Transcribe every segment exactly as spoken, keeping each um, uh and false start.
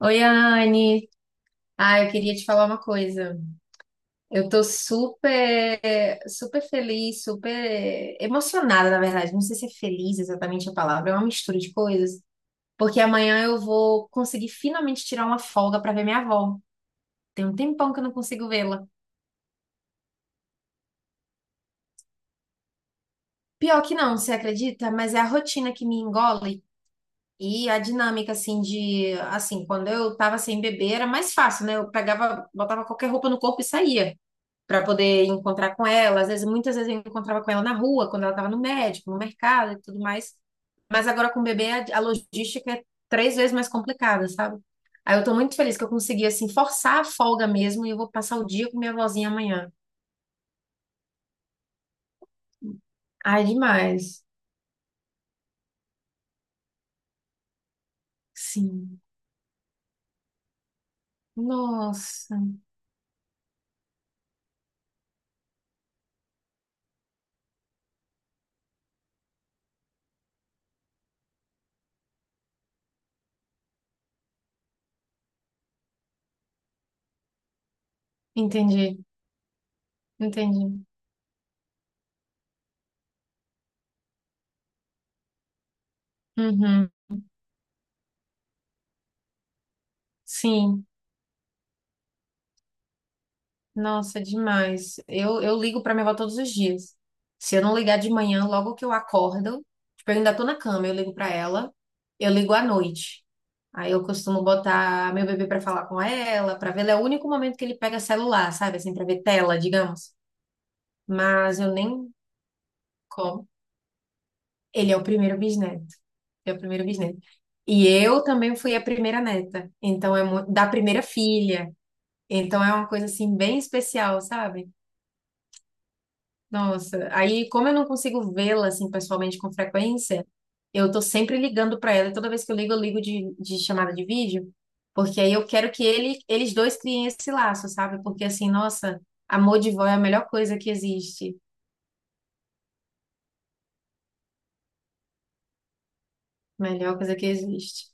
Oi, Anne. Ah, eu queria te falar uma coisa. Eu tô super, super feliz, super emocionada, na verdade. Não sei se é feliz exatamente a palavra, é uma mistura de coisas. Porque amanhã eu vou conseguir finalmente tirar uma folga pra ver minha avó. Tem um tempão que eu não consigo vê-la. Pior que não, você acredita? Mas é a rotina que me engole e a dinâmica, assim, de... Assim, quando eu tava sem beber era mais fácil, né? Eu pegava, botava qualquer roupa no corpo e saía, para poder encontrar com ela. Às vezes, muitas vezes eu encontrava com ela na rua, quando ela estava no médico, no mercado e tudo mais. Mas agora com o bebê, a, a logística é três vezes mais complicada, sabe? Aí eu tô muito feliz que eu consegui, assim, forçar a folga mesmo e eu vou passar o dia com minha vozinha amanhã. Ai, demais. Sim. Nossa. Entendi, entendi. Uhum. Sim. Nossa, demais. Eu, eu ligo pra minha avó todos os dias. Se eu não ligar de manhã, logo que eu acordo, tipo, eu ainda tô na cama, eu ligo pra ela, eu ligo à noite. Aí eu costumo botar meu bebê pra falar com ela, pra ver. Ele é o único momento que ele pega celular, sabe? Assim, pra ver tela, digamos. Mas eu nem como. Ele é o primeiro bisneto. Ele é o primeiro bisneto. E eu também fui a primeira neta. Então é mu- da primeira filha. Então é uma coisa assim bem especial, sabe? Nossa, aí como eu não consigo vê-la assim pessoalmente com frequência, eu tô sempre ligando pra ela, e toda vez que eu ligo, eu ligo de, de chamada de vídeo, porque aí eu quero que ele, eles dois criem esse laço, sabe? Porque assim, nossa, amor de vó é a melhor coisa que existe. Melhor coisa que existe.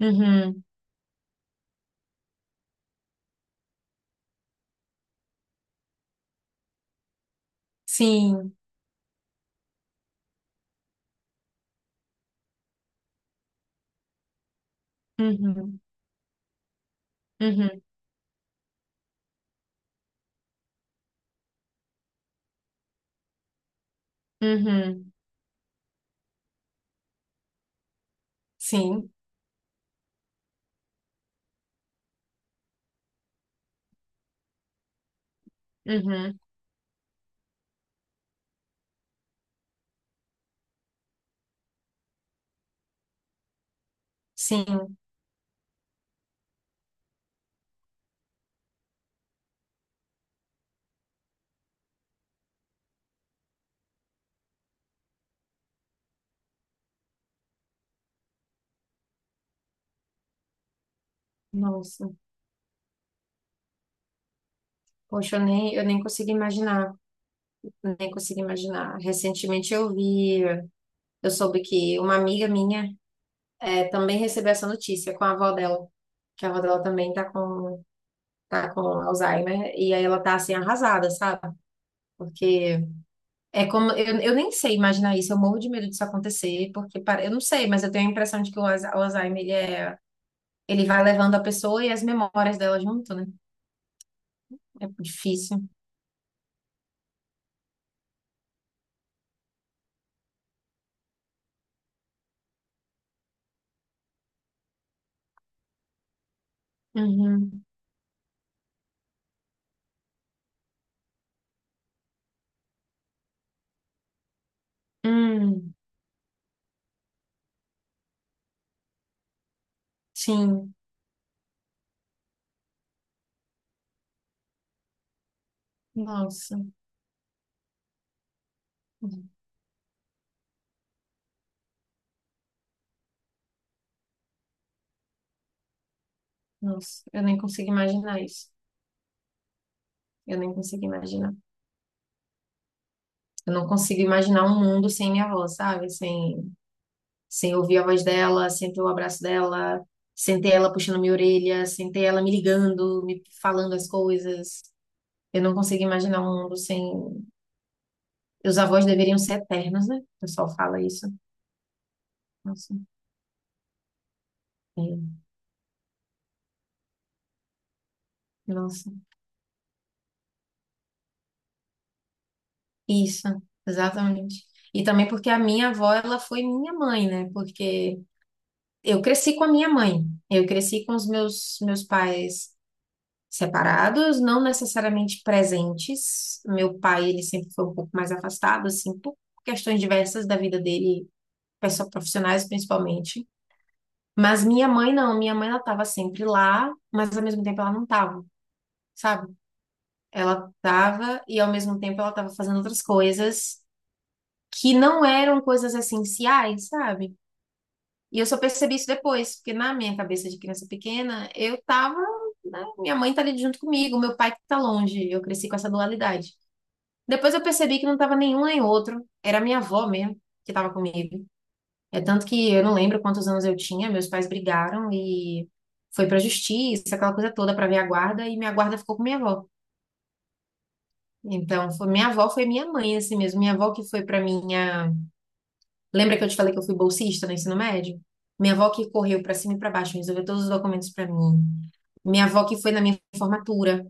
Uhum. Sim. Uhum. Uhum. Uhum. Sim. Uhum. Sim. Nossa. Poxa, eu nem, eu nem consigo imaginar. Nem consigo imaginar. Recentemente eu vi Eu soube que uma amiga minha eh, também recebeu essa notícia com a avó dela, que a avó dela também tá com, tá com Alzheimer, e aí ela tá assim arrasada, sabe? Porque é como. Eu, eu nem sei imaginar isso, eu morro de medo disso acontecer, porque para, eu não sei, mas eu tenho a impressão de que o Alz- o Alzheimer ele é, ele vai levando a pessoa e as memórias dela junto, né? É difícil. Uhum. Hum, sim. Nossa. Nossa, eu nem consigo imaginar isso. Eu nem consigo imaginar. Eu não consigo imaginar um mundo sem minha avó, sabe? Sem, sem ouvir a voz dela, sem ter o abraço dela, sem ter ela puxando minha orelha, sem ter ela me ligando, me falando as coisas. Eu não consigo imaginar um mundo sem. Os avós deveriam ser eternos, né? O pessoal fala isso. Nossa, é, nossa. Isso, exatamente. E também porque a minha avó, ela foi minha mãe, né? Porque eu cresci com a minha mãe, eu cresci com os meus, meus pais, separados, não necessariamente presentes. Meu pai, ele sempre foi um pouco mais afastado, assim, por questões diversas da vida dele, pessoal profissionais principalmente. Mas minha mãe não, minha mãe ela estava sempre lá, mas ao mesmo tempo ela não estava, sabe? Ela estava e ao mesmo tempo ela estava fazendo outras coisas que não eram coisas essenciais, sabe? E eu só percebi isso depois, porque na minha cabeça de criança pequena, eu tava, né, minha mãe tá ali junto comigo, meu pai que tá longe. Eu cresci com essa dualidade. Depois eu percebi que não estava nenhum nem outro. Era minha avó mesmo que estava comigo. É tanto que eu não lembro quantos anos eu tinha, meus pais brigaram e foi pra justiça, aquela coisa toda pra minha guarda, e minha guarda ficou com minha avó. Então, foi, minha avó foi minha mãe, assim mesmo. Minha avó que foi pra minha. Lembra que eu te falei que eu fui bolsista no ensino médio? Minha avó que correu pra cima e pra baixo, resolveu todos os documentos pra mim. Minha avó que foi na minha formatura.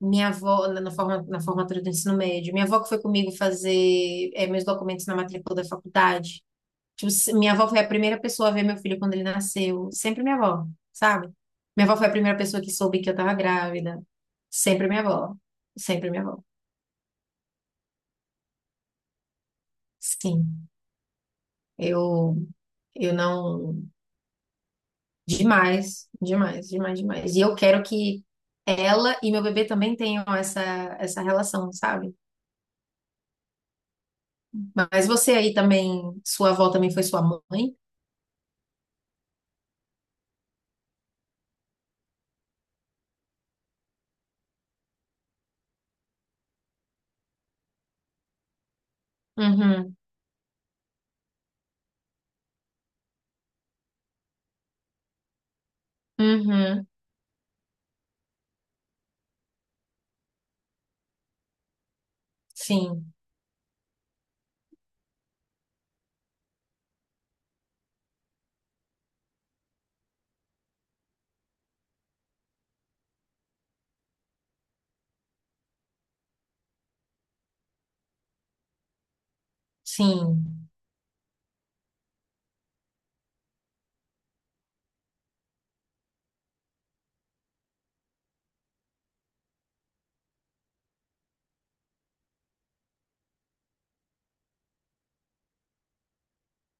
Minha avó, na, na forma, na formatura do ensino médio, minha avó que foi comigo fazer eh, meus documentos na matrícula da faculdade. Tipo, se- minha avó foi a primeira pessoa a ver meu filho quando ele nasceu. Sempre minha avó, sabe? Minha avó foi a primeira pessoa que soube que eu tava grávida. Sempre minha avó. Sempre minha avó. Sim. Eu, eu não. Demais, demais, demais, demais. E eu quero que ela e meu bebê também tenham essa, essa, relação, sabe? Mas você aí também, sua avó também foi sua mãe? Uhum, uhum, sim, sim,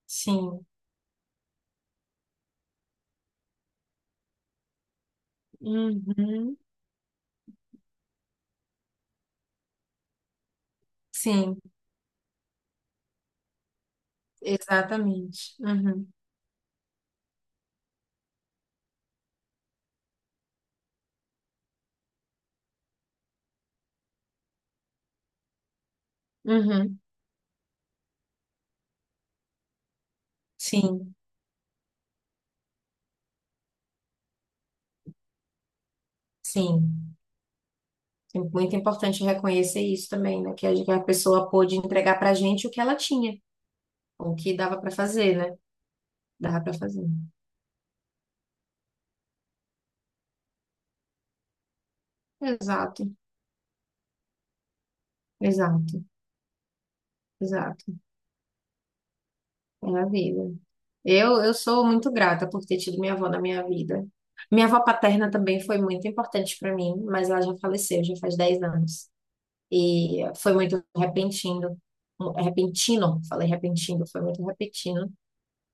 sim, uhum. Sim, exatamente. Uhum, uhum, sim, sim. É muito importante reconhecer isso também, né? Que a que a pessoa pôde entregar pra gente o que ela tinha, o que dava pra fazer, né? Dava pra fazer. Exato, exato, exato. É a vida. Eu, eu sou muito grata por ter tido minha avó na minha vida. Minha avó paterna também foi muito importante pra mim, mas ela já faleceu, já faz dez anos. E foi muito repentino. Repentino, falei repentino, foi muito repentino.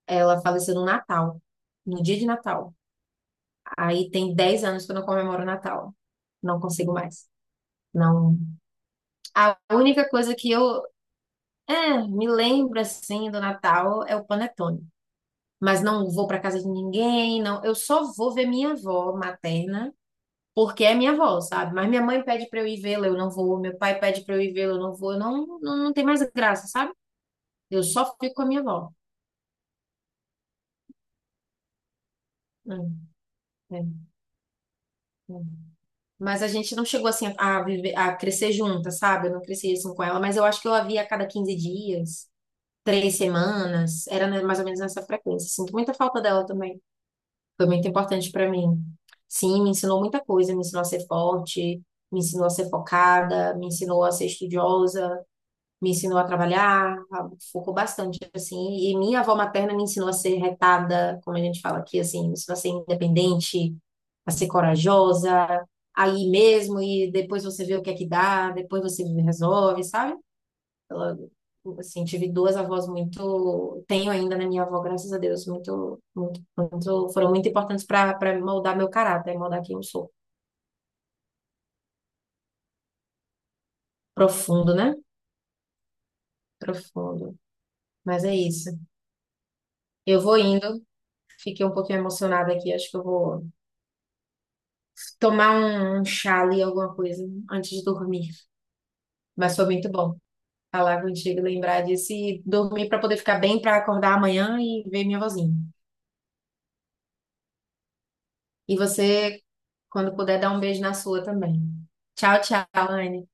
Ela faleceu no Natal, no dia de Natal. Aí tem dez anos que eu não comemoro Natal. Não consigo mais. Não. A única coisa que eu é, me lembro assim do Natal é o panetone. Mas não vou para casa de ninguém, não. Eu só vou ver minha avó materna, porque é minha avó, sabe? Mas minha mãe pede para eu ir vê-la, eu não vou. Meu pai pede para eu ir vê-la, eu não vou. Eu não, não, não tem mais graça, sabe? Eu só fico com a minha avó. É, é, é. Mas a gente não chegou assim a viver, a crescer junta, sabe? Eu não cresci assim com ela, mas eu acho que eu a via a cada quinze dias, três semanas, era né, mais ou menos nessa frequência. Sinto muita falta dela também. Foi muito importante pra mim. Sim, me ensinou muita coisa, me ensinou a ser forte, me ensinou a ser focada, me ensinou a ser estudiosa, me ensinou a trabalhar, a- focou bastante, assim, e minha avó materna me ensinou a ser retada, como a gente fala aqui, assim, me ensinou a ser independente, a ser corajosa, aí mesmo, e depois você vê o que é que dá, depois você resolve, sabe? Ela, assim, tive duas avós muito, tenho ainda na minha avó, graças a Deus, muito, muito, muito, foram muito importantes para para moldar meu caráter, moldar quem eu sou. Profundo, né? Profundo. Mas é isso. Eu vou indo. Fiquei um pouquinho emocionada aqui. Acho que eu vou tomar um um chá ali, alguma coisa, antes de dormir. Mas foi muito bom falar contigo, lembrar disso e dormir para poder ficar bem, para acordar amanhã e ver minha vozinha. E você, quando puder, dá um beijo na sua também. Tchau, tchau, Anne.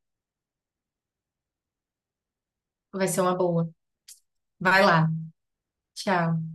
Vai ser uma boa. Vai lá. Tchau.